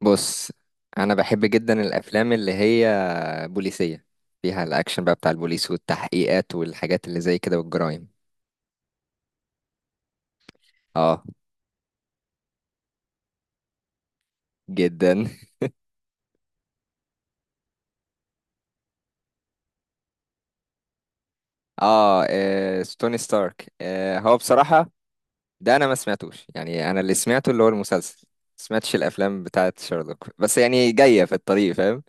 بص، انا بحب جدا الافلام اللي هي بوليسيه، فيها الاكشن بقى بتاع البوليس والتحقيقات والحاجات اللي زي كده والجرايم. اه، جدا. اه, ستوني ستارك. هو بصراحه ده انا ما سمعتوش، يعني انا اللي سمعته اللي هو المسلسل، ما سمعتش الافلام بتاعه شارلوك، بس يعني جايه في الطريق، فاهم.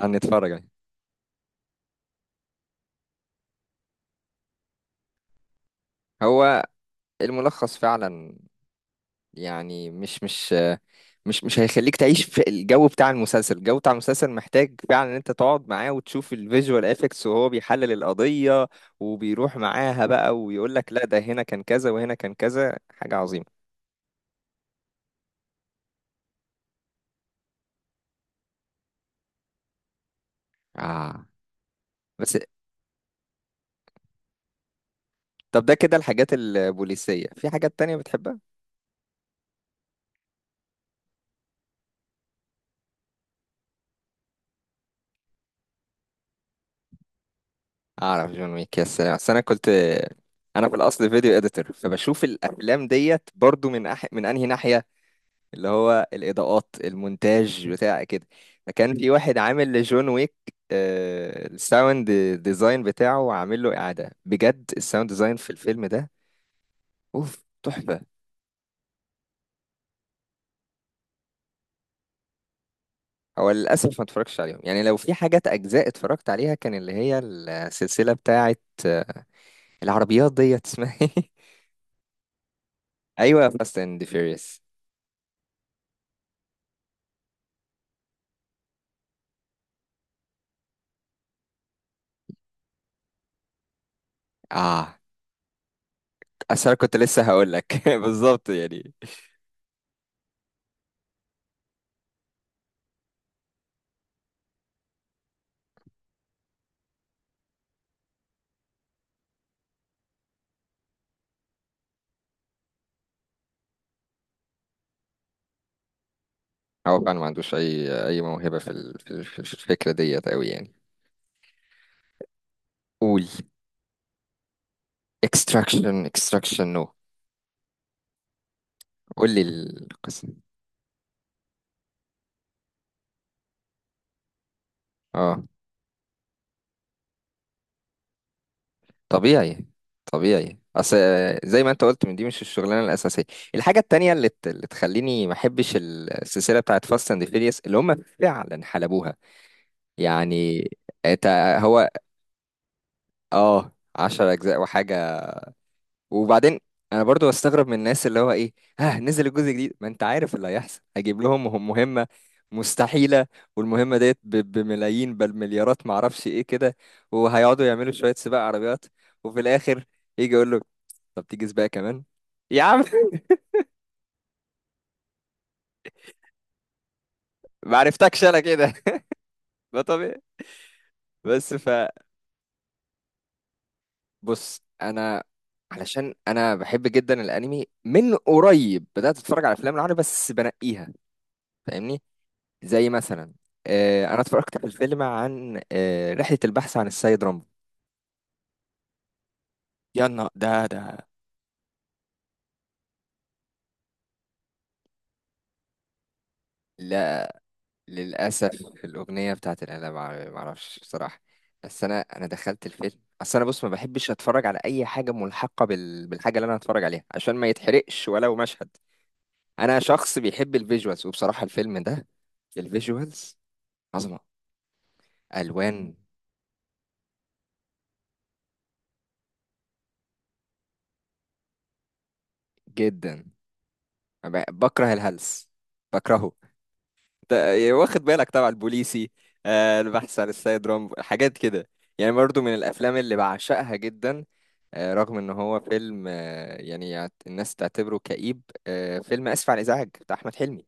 هنتفرج عليها. هو الملخص فعلا يعني مش هيخليك تعيش في الجو بتاع المسلسل. الجو بتاع المسلسل محتاج فعلا ان انت تقعد معاه وتشوف الفيجوال افكتس وهو بيحلل القضية وبيروح معاها بقى، ويقول لك لا، ده هنا كان كذا وهنا كان كذا. حاجة عظيمة. اه. بس طب ده كده الحاجات البوليسية، في حاجات تانية بتحبها؟ اعرف جون ويك، يا سلام. أصل انا كنت، انا في الاصل فيديو اديتور، فبشوف الافلام ديت برضو من انهي ناحية. اللي هو الإضاءات، المونتاج، بتاع كده. فكان في واحد عامل لجون ويك الساوند ديزاين بتاعه، عامل له إعادة. بجد الساوند ديزاين في الفيلم ده أوف، تحفة. هو للأسف ما اتفرجتش عليهم، يعني لو في حاجات أجزاء اتفرجت عليها كان اللي هي السلسلة بتاعة آه، العربيات ديت، اسمها ايه؟ أيوة، فاست أند فيوريوس. آه أصل أنا كنت لسه هقول لك بالظبط يعني. هو فعلا ما عندوش أي موهبة في في الفكرة ديت أوي يعني. قول. اكستراكشن؟ اكستراكشن، نو. قول لي القسم. اه، طبيعي. طبيعي، اصل زي ما انت قلت، من دي مش الشغلانه الاساسيه. الحاجه التانية اللي تخليني ما احبش السلسله بتاعت فاست اند فيريوس اللي هم فعلا حلبوها يعني. انت. هو، اه، 10 اجزاء وحاجه. وبعدين انا برضو بستغرب من الناس اللي هو ايه، ها نزل الجزء الجديد، ما انت عارف اللي هيحصل. هجيب لهم مهمة مستحيلة، والمهمة ديت بملايين، بل مليارات، معرفش ايه كده. وهيقعدوا يعملوا شوية سباق عربيات، وفي الاخر يجي يقول له طب تيجي سباق كمان، يا عم. ما عرفتكش انا كده. ده طبيعي. بس. فبص، انا علشان انا بحب جدا الانمي، من قريب بدات اتفرج على افلام العربي بس بنقيها، فاهمني. زي مثلا انا اتفرجت على الفيلم عن رحلة البحث عن السيد رامبو. يلا، ده. لا، للأسف الأغنية بتاعت الآلة معرفش بصراحة. بس أنا دخلت الفيلم. أصل أنا، بص، ما بحبش أتفرج على أي حاجة ملحقة بالحاجة اللي أنا هتفرج عليها، عشان ما يتحرقش ولو مشهد. أنا شخص بيحب الفيجوالز، وبصراحة الفيلم ده الفيجوالز عظمة، ألوان. جدا. بكره الهلس، بكرهه. ده واخد بالك طبعا البوليسي. البحث عن السيد رامبو، حاجات كده يعني، برضو من الافلام اللي بعشقها جدا. رغم ان هو فيلم، يعني الناس تعتبره كئيب. فيلم اسف على الازعاج بتاع احمد حلمي،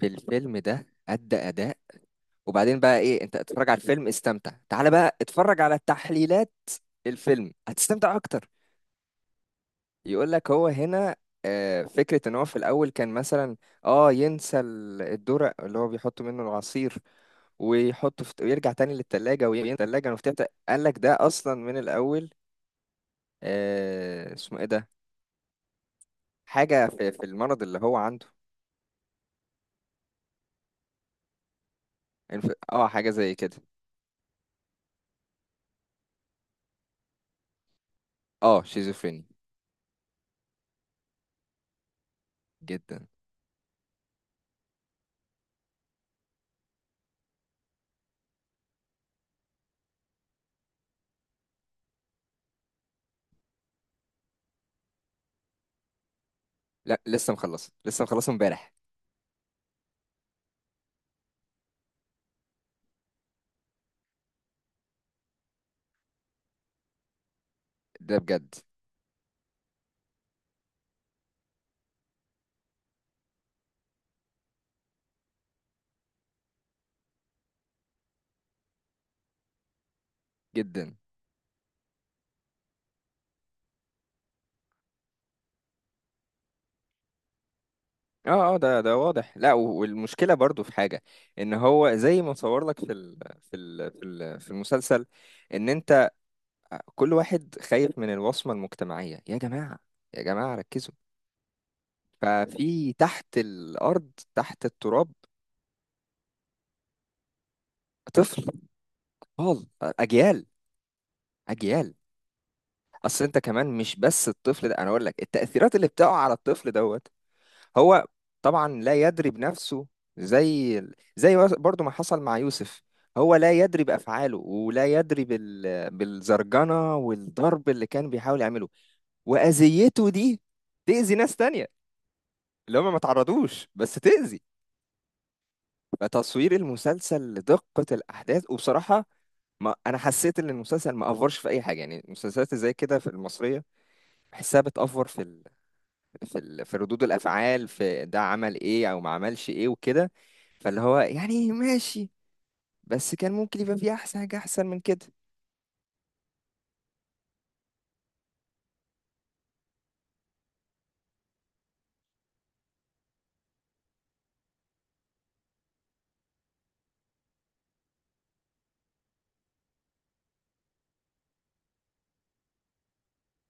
في الفيلم ده ادى اداء. وبعدين بقى ايه، انت اتفرج على الفيلم استمتع، تعال بقى اتفرج على تحليلات الفيلم هتستمتع اكتر. يقول لك هو هنا فكرة ان هو في الاول كان مثلا اه ينسى الدرق اللي هو بيحط منه العصير، ويحطه في، ويرجع تاني للتلاجة وينسى التلاجة المفتوحة. قال لك ده اصلا من الاول اسمه ايه ده، حاجة في المرض اللي هو عنده. حاجة زي كده. اه، شيزوفريني. جدا. لا، لسه مخلصه امبارح. ده بجد. جدا. اه، اه، ده واضح. لا، والمشكله برضو في حاجه، ان هو زي ما صور لك في المسلسل ان انت، كل واحد خايف من الوصمه المجتمعيه. يا جماعه، يا جماعه، ركزوا. ففي تحت الارض، تحت التراب، طفل، اطفال، اجيال، اجيال. اصل انت كمان، مش بس الطفل ده، انا اقول لك التاثيرات اللي بتقع على الطفل دوت، هو طبعا لا يدري بنفسه. زي زي برضو ما حصل مع يوسف، هو لا يدري بأفعاله ولا يدري بالزرجنة والضرب اللي كان بيحاول يعمله. وأذيته دي تأذي ناس تانية، اللي هم ما تعرضوش، بس تأذي. فتصوير المسلسل لدقة الأحداث، وبصراحة ما أنا حسيت إن المسلسل ما أفورش في أي حاجة. يعني المسلسلات زي كده في المصرية بحسها بتأفور في ردود الأفعال، في ده عمل إيه أو ما عملش إيه وكده. فاللي هو يعني ماشي، بس كان ممكن يبقى فيه احسن حاجة احسن من كده.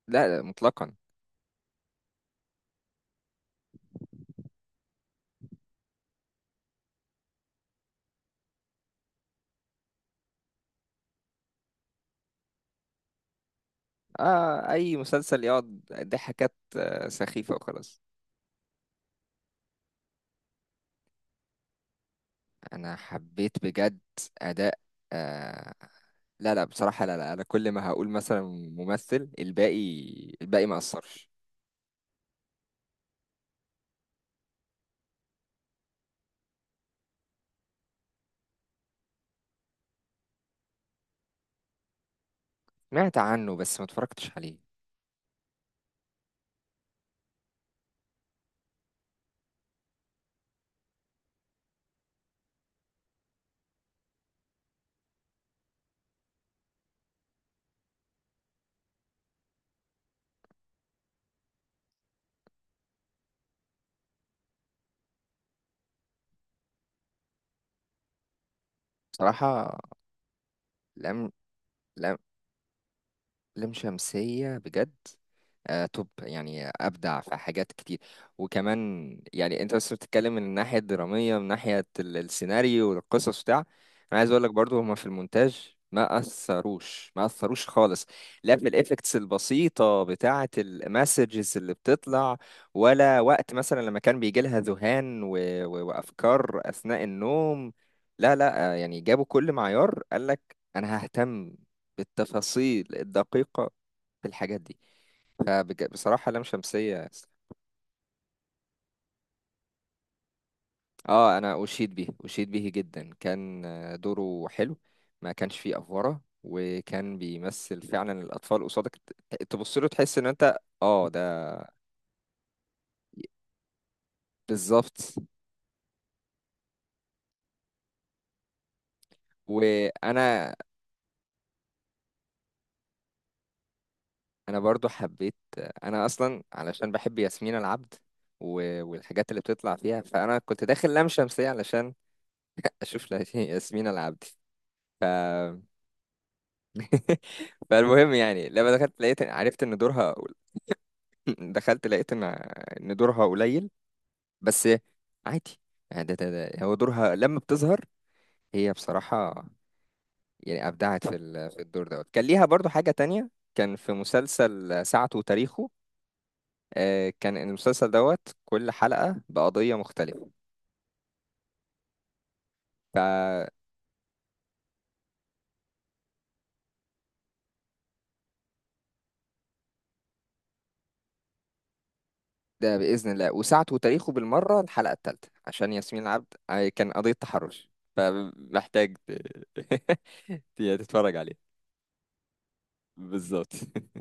لا، لا، مطلقا. آه، اي مسلسل يقعد ضحكات سخيفة وخلاص. انا حبيت بجد اداء. آه لا، لا، بصراحة، لا، لا، انا كل ما هقول مثلا ممثل، الباقي ما اثرش. سمعت عنه، بس ما اتفرجتش عليه. بصراحة لم لم لام شمسية بجد. توب، يعني أبدع في حاجات كتير. وكمان يعني، أنت بس بتتكلم من الناحية الدرامية، من ناحية السيناريو والقصص بتاع. أنا عايز أقول لك برضو هما في المونتاج ما أثروش، ما أثروش خالص. لا، في الإفكتس البسيطة بتاعة المسجز اللي بتطلع، ولا وقت مثلا لما كان بيجي لها ذهان وأفكار أثناء النوم. لا، لا، يعني جابوا كل معيار. قال لك أنا ههتم بالتفاصيل الدقيقة في الحاجات دي. فبصراحة لام شمسية. اه، انا اشيد به، اشيد به جدا. كان دوره حلو، ما كانش فيه افوره، وكان بيمثل فعلا الاطفال قصادك. تبص له تحس ان انت، اه ده. بالظبط. وانا برضو حبيت، انا اصلا علشان بحب ياسمين العبد والحاجات اللي بتطلع فيها، فانا كنت داخل لام شمسية علشان اشوف ياسمين العبد. فالمهم يعني، لما دخلت لقيت، عرفت ان دورها، دخلت لقيت ان دورها قليل. بس عادي يعني، ده هو دورها لما بتظهر. هي بصراحة يعني أبدعت في في الدور دوت. كان ليها برضو حاجة تانية، كان في مسلسل ساعته وتاريخه كان المسلسل دوت كل حلقة بقضية مختلفة. ده بإذن الله. وساعته وتاريخه بالمرة، الحلقة الثالثة، عشان ياسمين العبد كان قضية تحرش. فمحتاج تتفرج عليه. بالظبط.